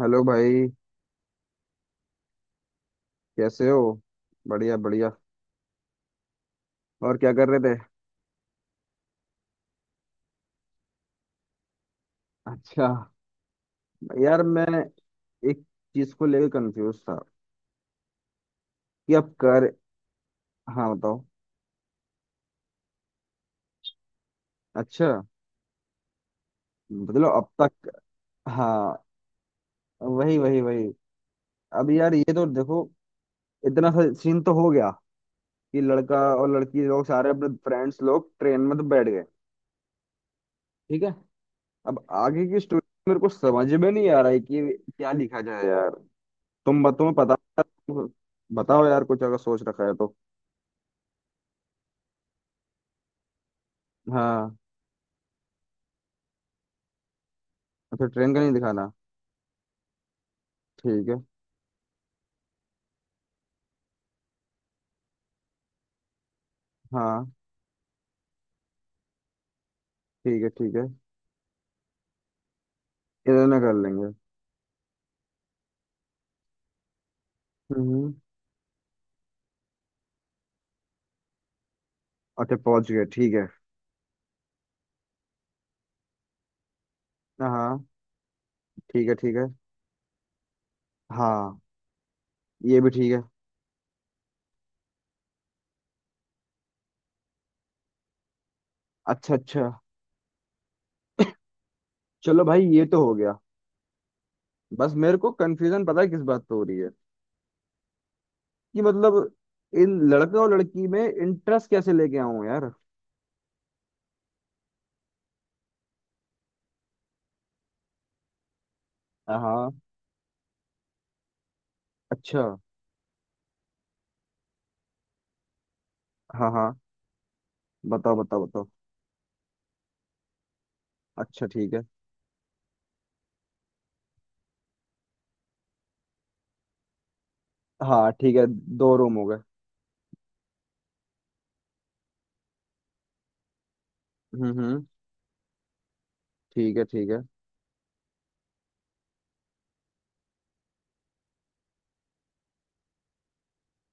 Hello भाई। कैसे हो? बढ़िया बढ़िया। और क्या कर रहे थे? अच्छा। यार मैं एक चीज को लेकर कंफ्यूज था कि अब कर हाँ, बताओ। अच्छा। मतलब अब तक। हाँ। वही वही वही। अब यार ये तो देखो, इतना सा सीन तो हो गया कि लड़का और लड़की लोग सारे अपने फ्रेंड्स लोग ट्रेन में तो बैठ गए। ठीक है। अब आगे की स्टोरी मेरे को समझ में नहीं आ रहा है कि क्या लिखा जाए यार। तुम्हें पता। बताओ यार, कुछ अगर सोच रखा है तो। हाँ। अच्छा, ट्रेन का नहीं दिखाना। ठीक है। हाँ, ठीक है ठीक है। इधर ना कर लेंगे। हम्म। अच्छा, पहुंच गए ठीक है। हाँ, ठीक है ठीक है। हाँ, ये भी ठीक है। अच्छा अच्छा। चलो भाई, ये तो हो गया। बस मेरे को कंफ्यूजन पता है किस बात पे हो रही है, कि मतलब इन लड़के और लड़की में इंटरेस्ट कैसे लेके आऊं यार। हाँ। अच्छा। हाँ हाँ। बताओ बताओ बताओ। अच्छा ठीक है। हाँ ठीक है। दो रूम हो गए। हम्म। ठीक है ठीक है।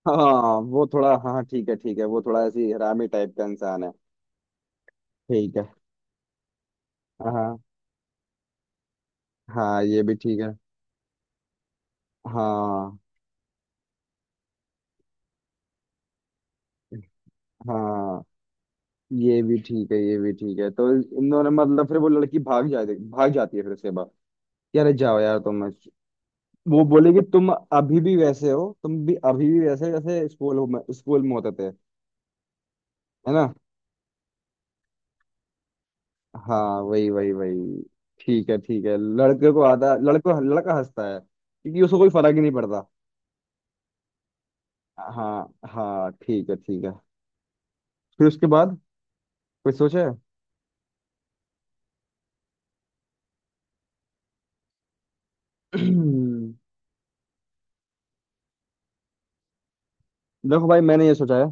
हाँ, वो थोड़ा, हाँ ठीक है ठीक है, वो थोड़ा ऐसी हरामी टाइप का इंसान है। ठीक है। हाँ हाँ, ये भी ठीक है। हाँ हाँ, ये भी ठीक है ये भी ठीक है। तो इन दोनों, मतलब फिर वो लड़की भाग जाती है, फिर उसके बाद यार जाओ यार तुम, वो बोलेगी तुम अभी भी वैसे हो, तुम भी अभी भी वैसे हो जैसे स्कूल में होते थे। है ना? हाँ, वही वही वही। ठीक है ठीक है। लड़के को आता लड़को लड़का हंसता है क्योंकि उसको कोई फर्क ही नहीं पड़ता। हाँ हाँ, ठीक है ठीक है। फिर उसके बाद कुछ सोचा है? देखो भाई, मैंने ये सोचा है।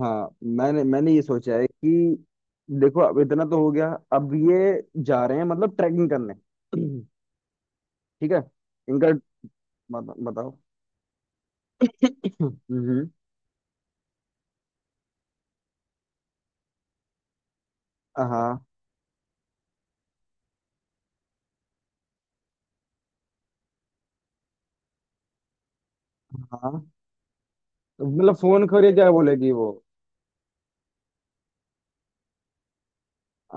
हाँ मैंने मैंने ये सोचा है कि, देखो अब इतना तो हो गया, अब ये जा रहे हैं मतलब ट्रैकिंग करने। ठीक है। इनका बताओ। हम्म। हाँ हाँ। मतलब फोन करे क्या बोलेगी वो?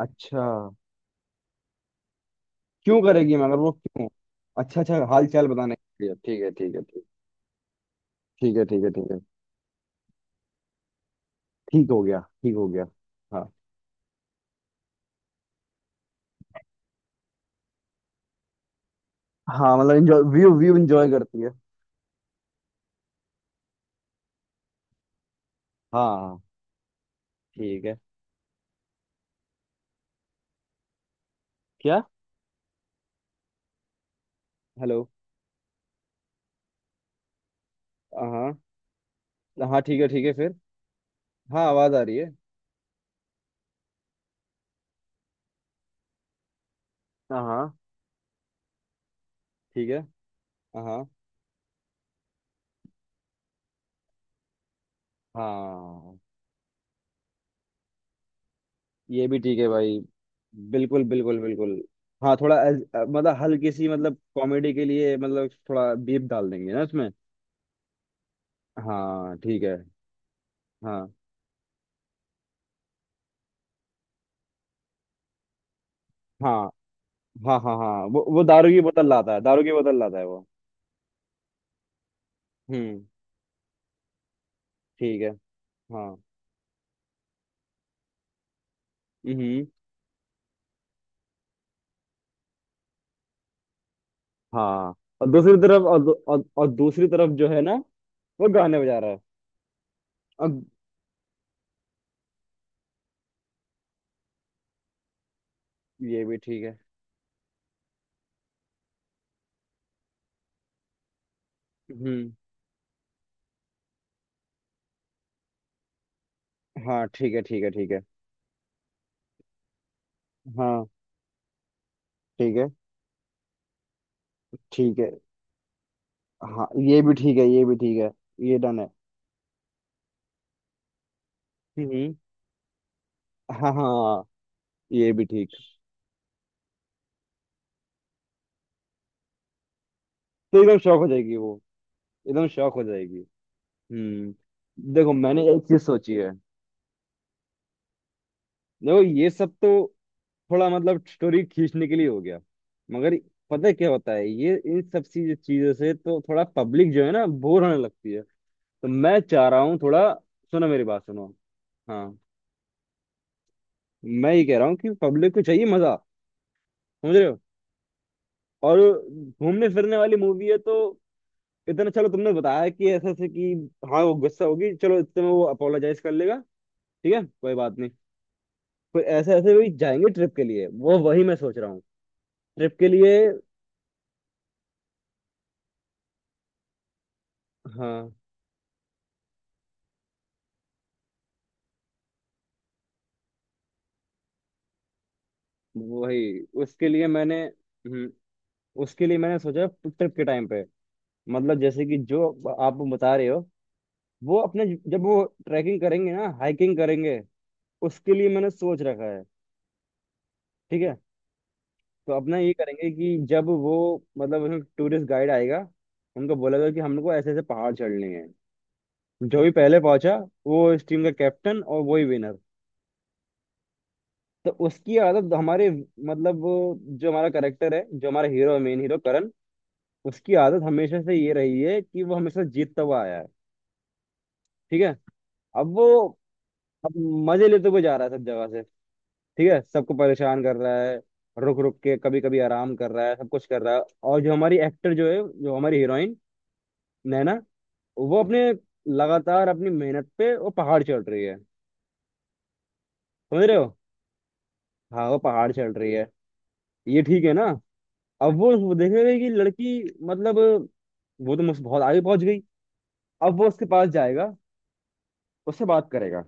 अच्छा। क्यों करेगी मगर, वो क्यों? अच्छा अच्छा, हाल चाल बताने के लिए, ठीक है ठीक है ठीक। ठीक है ठीक है ठीक है। ठीक हो गया ठीक हो गया। हाँ। हाँ, मतलब एंजॉय, व्यू व्यू एंजॉय करती है। हाँ ठीक है। क्या? हेलो? हाँ हाँ, ठीक है ठीक है, फिर? हाँ, आवाज आ रही है। हाँ ठीक है। हाँ हाँ, ये भी ठीक है भाई। बिल्कुल बिल्कुल बिल्कुल। हाँ थोड़ा मतलब, हल्की सी मतलब कॉमेडी के लिए मतलब थोड़ा बीप डाल देंगे ना उसमें? हाँ ठीक है। हाँ हाँ हाँ। हाँ हाँ, वो दारू की बोतल लाता है, दारू की बोतल लाता है वो। हम्म। ठीक है। हाँ। हम्म। हाँ, और दूसरी तरफ, और दूसरी तरफ जो है ना, वो गाने बजा रहा है। अब ये भी ठीक है। हम्म। हाँ ठीक है ठीक है ठीक है। हाँ ठीक है ठीक है। हाँ, ये भी ठीक है ये भी ठीक है। ये डन है। हम्म। हाँ हाँ, ये भी ठीक। तो एकदम शौक हो जाएगी वो। एकदम शौक हो जाएगी। देखो, मैंने एक चीज सोची है। देखो, ये सब तो थोड़ा मतलब स्टोरी खींचने के लिए हो गया, मगर पता है क्या होता है, ये इन सब चीजों से तो थोड़ा पब्लिक जो है ना, बोर होने लगती है। तो मैं चाह रहा हूँ थोड़ा, सुनो मेरी बात सुनो। हाँ, मैं ये कह रहा हूँ कि पब्लिक को चाहिए मजा। समझ रहे हो? और घूमने फिरने वाली मूवी है, तो इतना चलो तुमने बताया कि ऐसे ऐसे कि हाँ वो गुस्सा होगी, चलो इतने में वो अपोलोजाइज कर लेगा, ठीक है कोई बात नहीं, फिर ऐसे ऐसे भी जाएंगे ट्रिप के लिए, वो वही मैं सोच रहा हूँ, ट्रिप के लिए। हाँ वही, उसके लिए मैंने सोचा ट्रिप के टाइम पे, मतलब जैसे कि जो आप बता रहे हो, वो अपने, जब वो ट्रैकिंग करेंगे ना, हाइकिंग करेंगे, उसके लिए मैंने सोच रखा है। ठीक है। तो अपना ये करेंगे कि जब वो, मतलब टूरिस्ट गाइड आएगा, उनको बोलेगा कि हमको ऐसे ऐसे पहाड़ चढ़ने हैं, जो भी पहले पहुंचा वो इस टीम का कैप्टन और वही विनर। तो उसकी आदत, हमारे मतलब वो, जो हमारा करेक्टर है, जो हमारा हीरो, मेन हीरो करण, उसकी आदत हमेशा से ये रही है कि वो हमेशा जीतता हुआ आया है। ठीक है। अब वो, अब मजे लेते हुए जा रहा है सब जगह से। ठीक है, सबको परेशान कर रहा है, रुक रुक के कभी कभी आराम कर रहा है, सब कुछ कर रहा है। और जो हमारी एक्टर जो है, जो हमारी हीरोइन नैना, वो अपने, लगातार अपनी मेहनत पे वो पहाड़ चढ़ रही है। समझ रहे हो? हाँ, वो पहाड़ चढ़ रही है। ये ठीक है ना? अब वो देखेगा कि लड़की, मतलब वो तो मुझसे बहुत आगे पहुंच गई। अब वो उसके पास जाएगा, उससे बात करेगा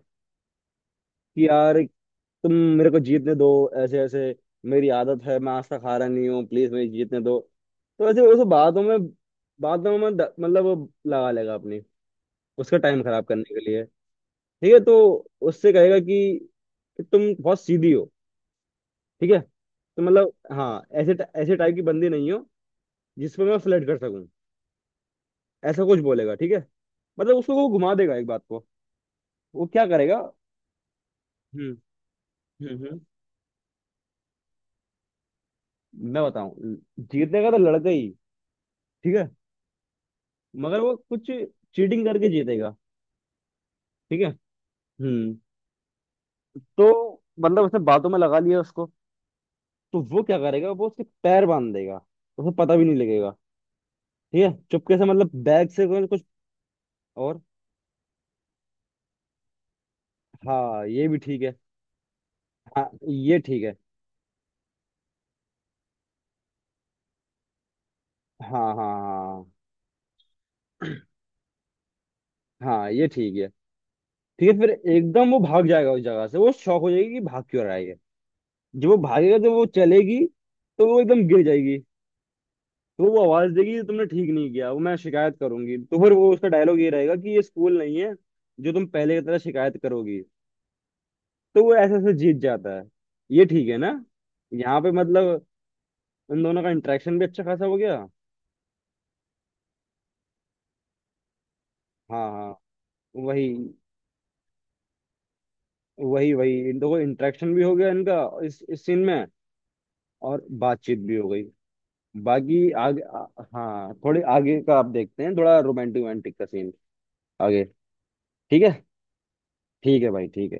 कि यार तुम मेरे को जीतने दो, ऐसे ऐसे मेरी आदत है, मैं आज तक हारा नहीं हूँ, प्लीज मेरी जीतने दो। तो ऐसे वैसे बातों में, बातों में मतलब वो, लगा लेगा अपनी, उसका टाइम खराब करने के लिए। ठीक है। तो उससे कहेगा कि तुम बहुत सीधी हो। ठीक है, तो मतलब हाँ, ऐसे ऐसे टाइप की बंदी नहीं हो जिस पर मैं फ्लर्ट कर सकूं। ऐसा कुछ बोलेगा ठीक है, मतलब उसको वो घुमा देगा एक बात को। वो क्या करेगा? हम्म हम्म हम्म। मैं बताऊं? जीतने का तो लड़का ही। ठीक है, मगर वो कुछ चीटिंग करके जीतेगा। ठीक है। हम्म। तो मतलब उसने बातों में लगा लिया उसको, तो वो क्या करेगा, वो उसके पैर बांध देगा। उसे पता भी नहीं लगेगा। ठीक है, चुपके से मतलब बैग से कुछ कुछ-। और? हाँ, ये भी ठीक है। हाँ ये ठीक है। हाँ हाँ हाँ। हाँ ये ठीक है। ठीक है, फिर एकदम वो भाग जाएगा उस जगह से, वो शौक हो जाएगी कि भाग क्यों रहा है ये। जब वो भागेगा तो वो चलेगी, तो वो एकदम गिर जाएगी। तो वो आवाज देगी तुमने ठीक नहीं किया, वो मैं शिकायत करूंगी, तो फिर वो, उसका डायलॉग ये रहेगा कि ये स्कूल नहीं है जो तुम पहले की तरह शिकायत करोगी। तो वो ऐसे ऐसे जीत जाता है। ये ठीक है ना? यहाँ पे मतलब इन दोनों का इंटरेक्शन भी अच्छा खासा हो गया। हाँ हाँ, वही वही वही। इन दोनों इंटरेक्शन भी हो गया इनका, इस सीन में, और बातचीत भी हो गई। बाकी आगे हाँ, थोड़ी आगे का आप देखते हैं, थोड़ा रोमांटिक रोमांटिक का सीन आगे। ठीक है। ठीक है भाई ठीक है।